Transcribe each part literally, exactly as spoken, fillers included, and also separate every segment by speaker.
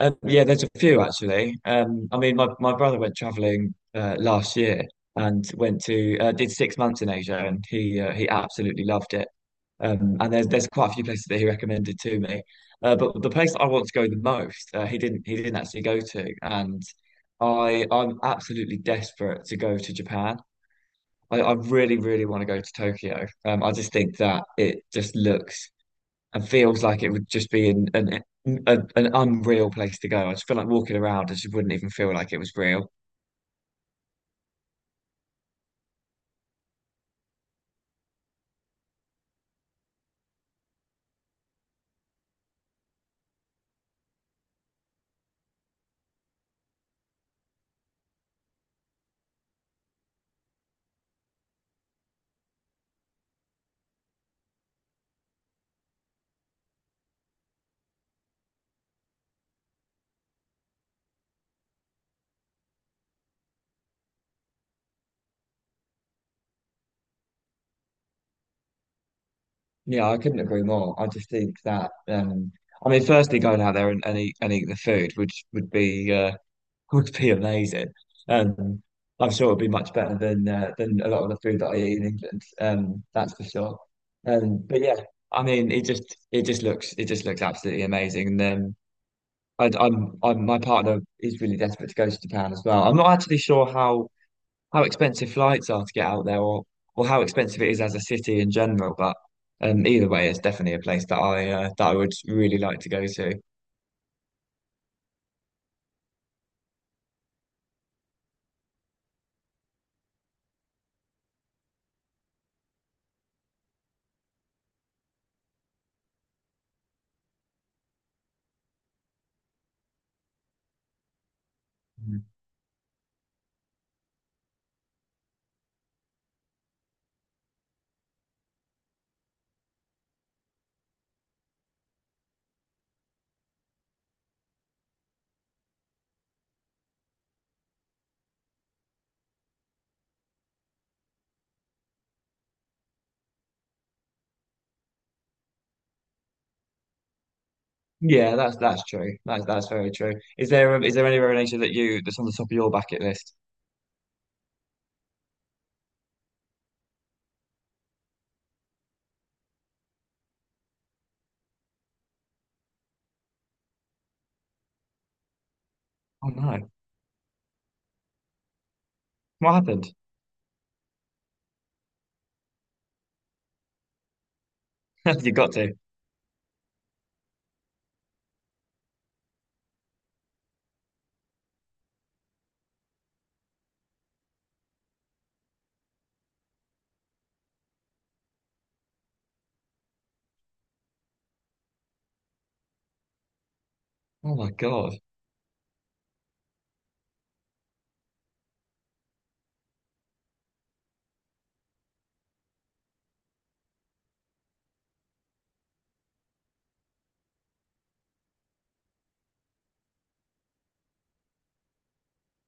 Speaker 1: Um, yeah, there's a few actually. Um, I mean, my, my brother went traveling uh, last year and went to uh, did six months in Asia, and he uh, he absolutely loved it. Um, and there's there's quite a few places that he recommended to me, uh, but the place that I want to go the most, uh, he didn't he didn't actually go to, and I I'm absolutely desperate to go to Japan. I, I really really want to go to Tokyo. Um, I just think that it just looks and feels like it would just be an an a, an unreal place to go. I just feel like walking around, I just wouldn't even feel like it was real. Yeah, I couldn't agree more. I just think that um I mean firstly going out there and, and eat and eat the food would would be uh would be amazing. Um I'm sure it'd be much better than uh, than a lot of the food that I eat in England. Um that's for sure. Um but yeah, I mean it just it just looks it just looks absolutely amazing. And um I, I'm, I'm, my partner is really desperate to go to Japan as well. I'm not actually sure how how expensive flights are to get out there, or or how expensive it is as a city in general. But um, either way, it's definitely a place that I uh, that I would really like to go to. Mm. Yeah, that's that's true. That's that's very true. Is there um, is there anywhere in Asia that you that's on the top of your bucket list? Oh no, what happened? You got to. Oh my God.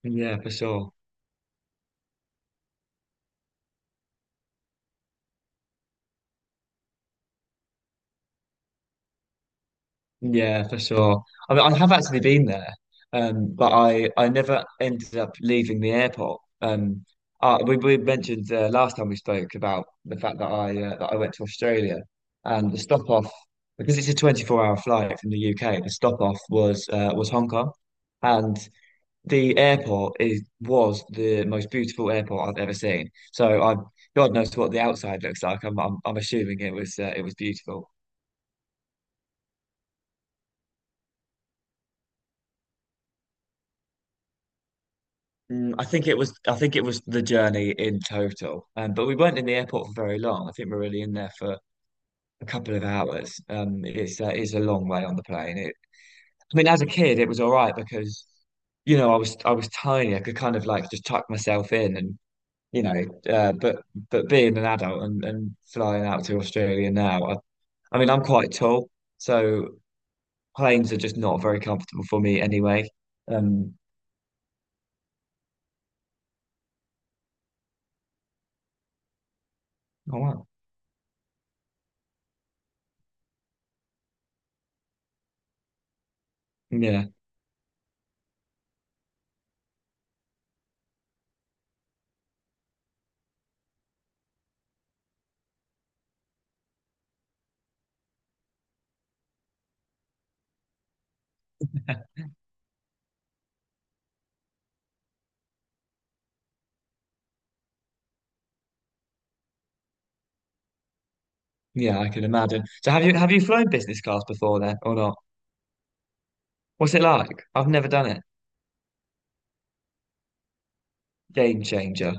Speaker 1: Yeah, for sure. Yeah, for sure. I mean, I have actually been there, um, but I I never ended up leaving the airport. Um, uh, we we mentioned uh, last time we spoke about the fact that I uh, that I went to Australia, and the stop off, because it's a twenty-four hour flight from the U K, the stop off was uh, was Hong Kong, and the airport is was the most beautiful airport I've ever seen. So I God knows what the outside looks like. I'm I'm, I'm assuming it was uh, it was beautiful. Mm, I think it was I think it was the journey in total. Um, but we weren't in the airport for very long. I think we were really in there for a couple of hours. Um, it's uh, it's a long way on the plane. It, I mean, as a kid, it was all right because you know I was I was tiny. I could kind of like just tuck myself in and you know. Uh, but but being an adult and, and flying out to Australia now, I, I mean, I'm quite tall, so planes are just not very comfortable for me anyway. Um, oh wow, yeah. Yeah, I can imagine. So have you have you flown business class before then or not? What's it like? I've never done it. Game changer.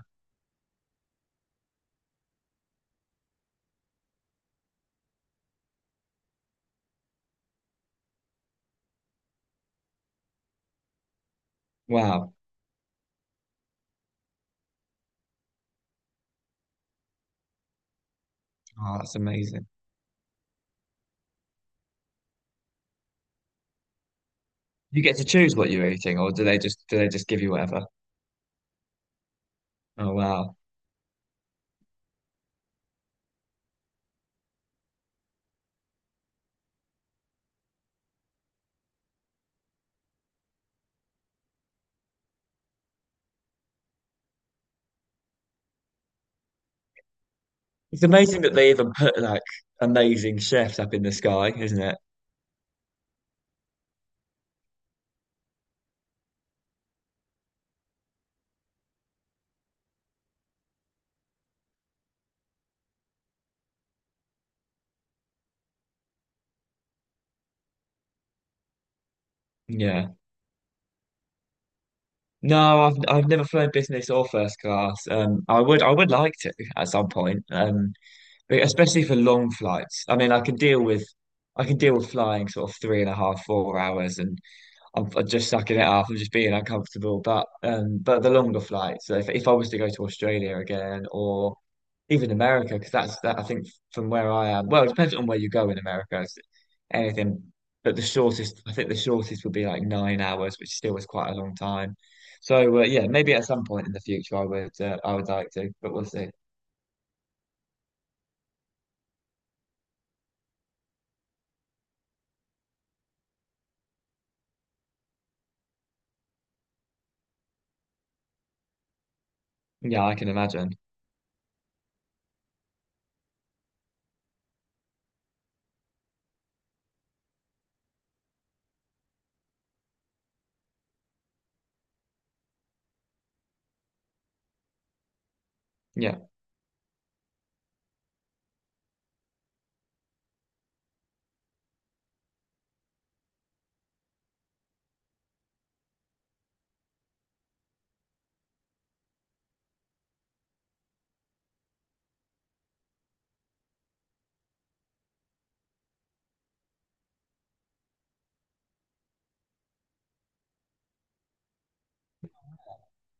Speaker 1: Wow. Oh, that's amazing. You get to choose what you're eating, or do they just do they just give you whatever? Oh wow. It's amazing that they even put like amazing chefs up in the sky, isn't it? Yeah. No, I've I've never flown business or first class. Um, I would I would like to at some point. Um, but especially for long flights. I mean, I can deal with I can deal with flying sort of three and a half, four hours, and I'm, I'm just sucking it up. I'm just being uncomfortable. But um, but the longer flights. So if if I was to go to Australia again or even America, because that's that. I think from where I am. Well, it depends on where you go in America. It's Anything, but the shortest. I think the shortest would be like nine hours, which still is quite a long time. So uh, yeah, maybe at some point in the future, I would uh, I would like to, but we'll see. Yeah, I can imagine. Yeah.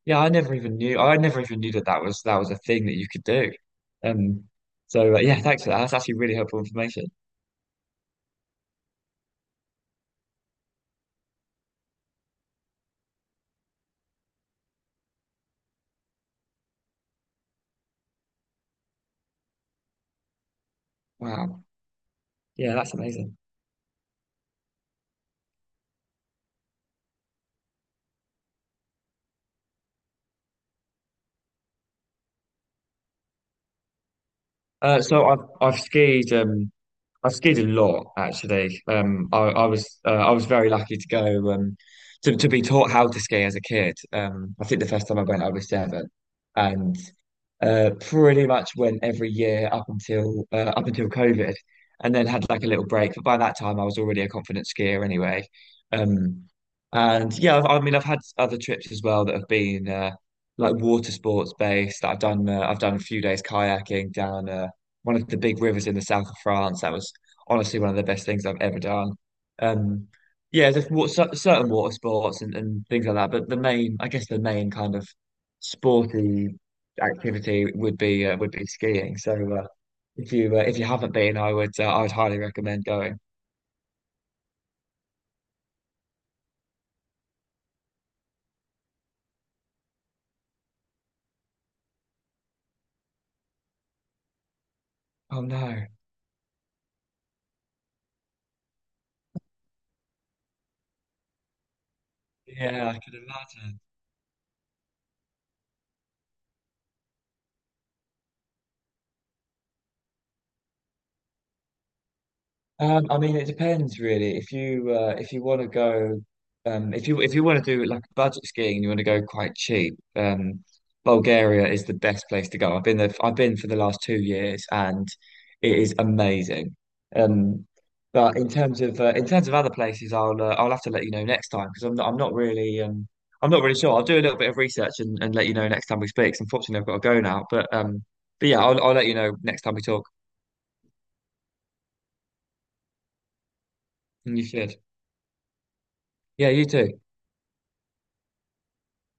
Speaker 1: Yeah, I never even knew. I never even knew that that was that was a thing that you could do. Um, so uh, yeah, thanks for that. That's actually really helpful information. Wow. Yeah, that's amazing. Uh, so I've I've skied um I've skied a lot actually. Um, I I was uh, I was very lucky to go um to to be taught how to ski as a kid. Um, I think the first time I went I was seven, and. Uh, pretty much went every year up until uh, up until COVID, and then had like a little break. But by that time, I was already a confident skier anyway. Um, and yeah, I've, I mean, I've had other trips as well that have been uh, like water sports based. That I've done uh, I've done a few days kayaking down uh, one of the big rivers in the south of France. That was honestly one of the best things I've ever done. Um, yeah, there's wa- cer- certain water sports and, and things like that, but the main, I guess, the main kind of sporty activity would be uh, would be skiing. So uh, if you uh, if you haven't been, I would uh, I would highly recommend going. Oh no, yeah, I could imagine. Um, I mean, it depends really. If you uh, if you want to go, um, if you if you want to do like budget skiing and you want to go quite cheap, um, Bulgaria is the best place to go. I've been there. I've been for the last two years, and it is amazing. Um, but in terms of uh, in terms of other places, I'll uh, I'll have to let you know next time because I'm not I'm not really um I'm not really sure. I'll do a little bit of research and, and let you know next time we speak. 'Cause Unfortunately, I've got to go now. But um, but yeah, I'll I'll let you know next time we talk. And you should. Yeah, you too.